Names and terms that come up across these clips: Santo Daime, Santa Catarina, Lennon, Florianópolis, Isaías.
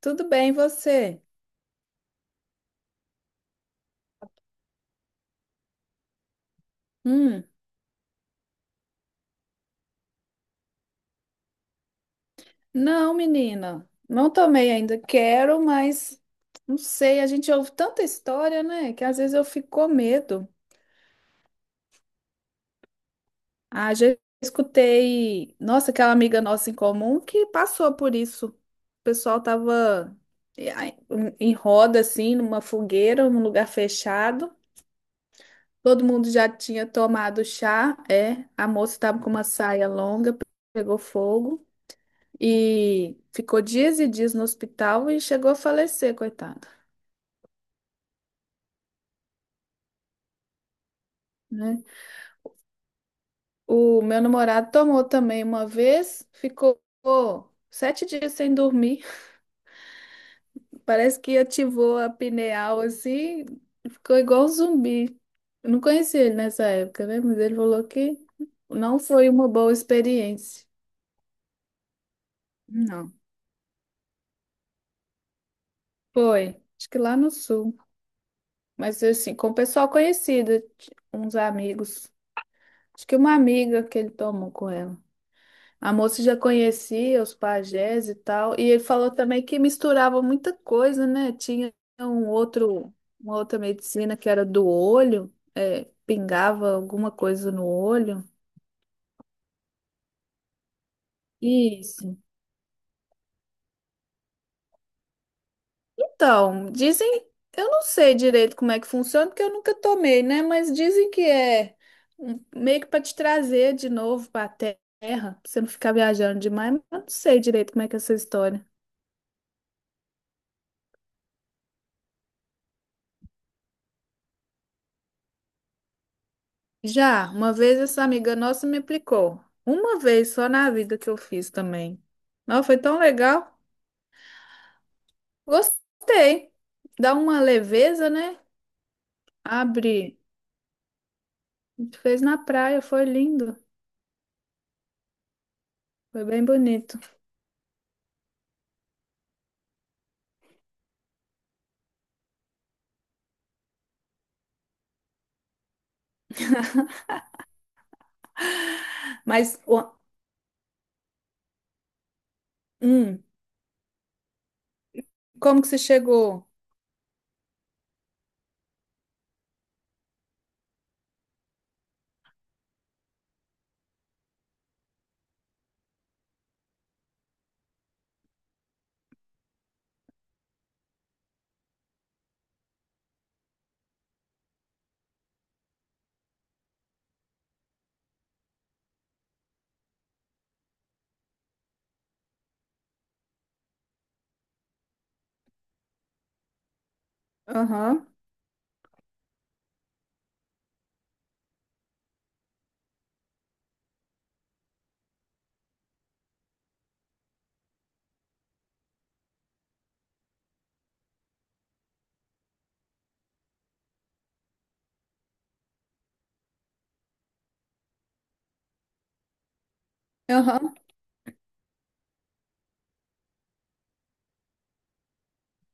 Tudo bem, você? Hum, não, menina, não tomei ainda. Quero, mas não sei. A gente ouve tanta história, né? Que às vezes eu fico com medo. Ah, já escutei, nossa, aquela amiga nossa em comum que passou por isso. O pessoal tava eh, em roda, assim, numa fogueira, num lugar fechado. Todo mundo já tinha tomado chá. É, a moça estava com uma saia longa, pegou fogo. E ficou dias e dias no hospital e chegou a falecer, coitado, né? O meu namorado tomou também uma vez, ficou 7 dias sem dormir. Parece que ativou a pineal assim, ficou igual um zumbi. Eu não conheci ele nessa época, né? Mas ele falou que não foi uma boa experiência. Não. Foi, acho que lá no sul. Mas assim, com o pessoal conhecido, uns amigos. Acho que uma amiga que ele tomou com ela. A moça já conhecia os pajés e tal, e ele falou também que misturava muita coisa, né? Tinha um outro, uma outra medicina que era do olho, é, pingava alguma coisa no olho. Isso. Então, dizem, eu não sei direito como é que funciona, porque eu nunca tomei, né? Mas dizem que é meio que para te trazer de novo para a terra, pra você não ficar viajando demais, mas eu não sei direito como é que é essa história. Já, uma vez essa amiga nossa me aplicou. Uma vez só na vida que eu fiz também. Não, foi tão legal. Gostei. Dá uma leveza, né? Abre. A gente fez na praia, foi lindo. Foi bem bonito. Mas, ó, hum, como que você chegou? Aham, aham,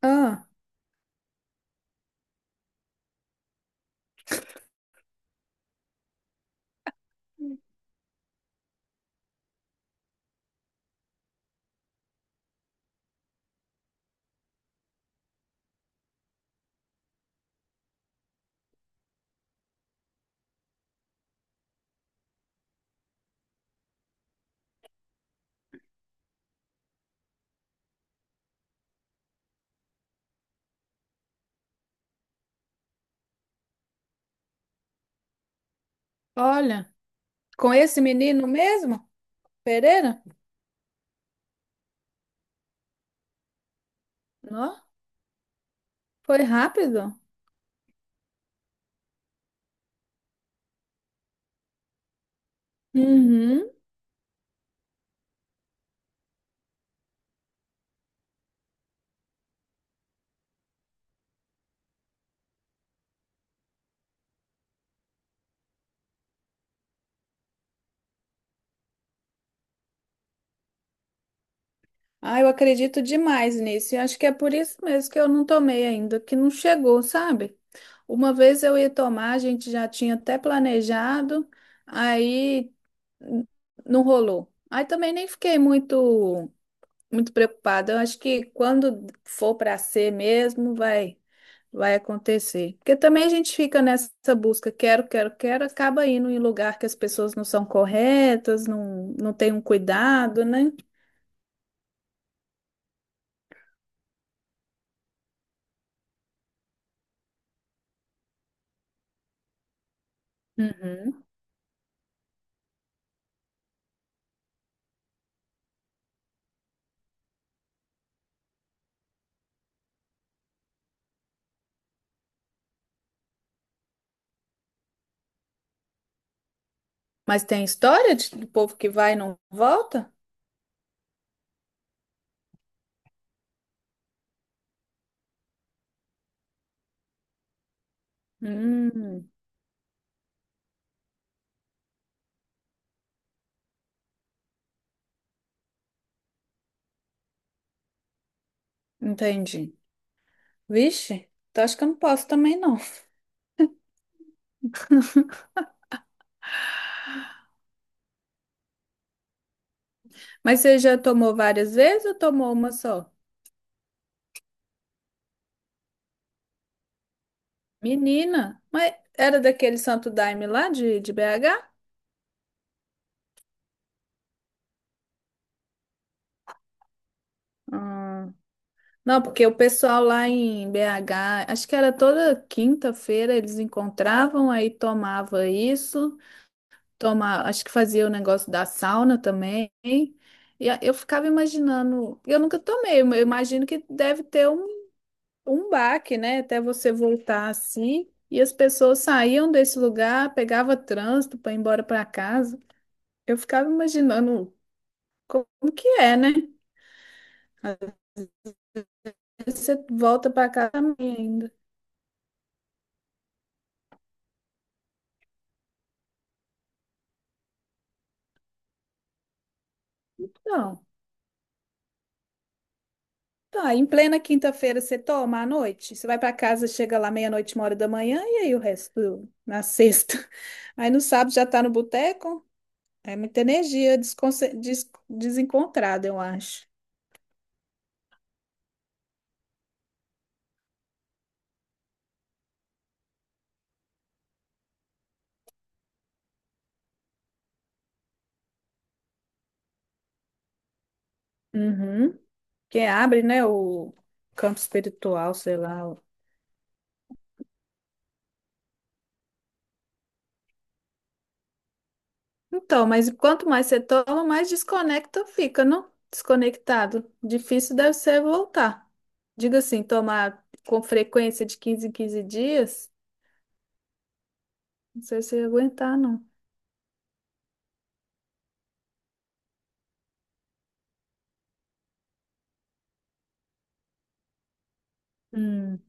ah. Olha, com esse menino mesmo? Pereira? Não, foi rápido. Uhum. Ah, eu acredito demais nisso. E acho que é por isso mesmo que eu não tomei ainda, que não chegou, sabe? Uma vez eu ia tomar, a gente já tinha até planejado, aí n- não rolou. Aí também nem fiquei muito muito preocupada. Eu acho que quando for para ser mesmo, vai acontecer. Porque também a gente fica nessa busca, quero, quero, quero, acaba indo em lugar que as pessoas não são corretas, não, não tem um cuidado, né? Uhum. Mas tem história de, do povo que vai e não volta? Hum, entendi. Vixe, então acho que eu não posso também não. Mas você já tomou várias vezes ou tomou uma só? Menina, mas era daquele Santo Daime lá de BH? Hum. Não, porque o pessoal lá em BH, acho que era toda quinta-feira eles encontravam, aí tomava isso. Tomar, acho que fazia o negócio da sauna também. Eu ficava imaginando, eu nunca tomei, eu imagino que deve ter um baque, né? Até você voltar assim. E as pessoas saíam desse lugar, pegava trânsito para ir embora para casa. Eu ficava imaginando como que é, né? Você volta para casa também ainda. Não. Tá, em plena quinta-feira você toma à noite? Você vai para casa, chega lá meia-noite, 1 hora da manhã, e aí o resto na sexta. Aí no sábado já tá no boteco? É muita energia desencontrada, eu acho. Uhum. Que abre, né, o campo espiritual, sei lá. Então, mas quanto mais você toma, mais desconecta fica, não? Desconectado. Difícil deve ser voltar. Diga assim, tomar com frequência de 15 em 15 dias, não sei se eu ia aguentar, não. Hum,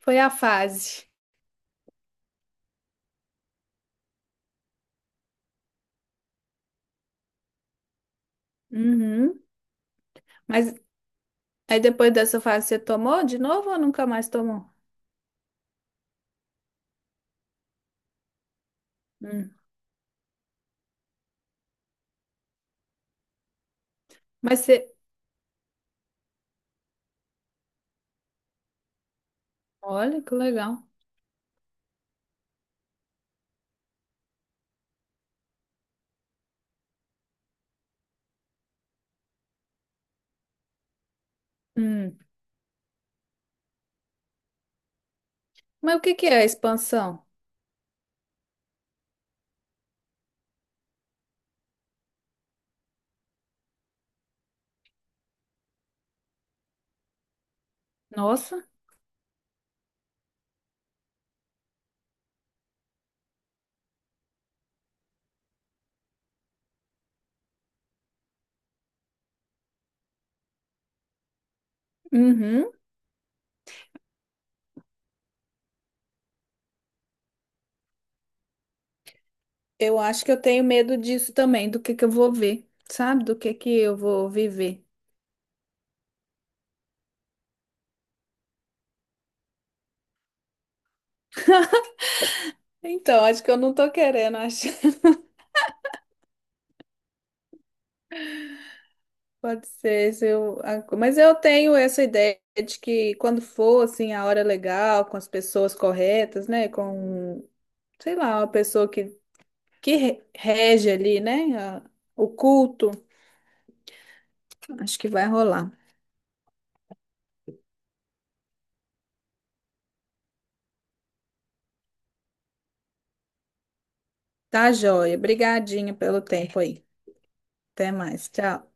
foi a fase. Uhum. Mas aí depois dessa fase você tomou de novo ou nunca mais tomou? Hum. Mas você. Olha que legal. Hum. Mas o que que é a expansão? Nossa. Uhum. Eu acho que eu tenho medo disso também, do que eu vou ver, sabe? Do que eu vou viver. Então, acho que eu não tô querendo achar. Pode ser, se eu... mas eu tenho essa ideia de que quando for assim a hora legal, com as pessoas corretas, né, com sei lá, uma pessoa que, rege ali, né? O culto, acho que vai rolar. Tá, joia. Brigadinho pelo tempo aí. Até mais. Tchau.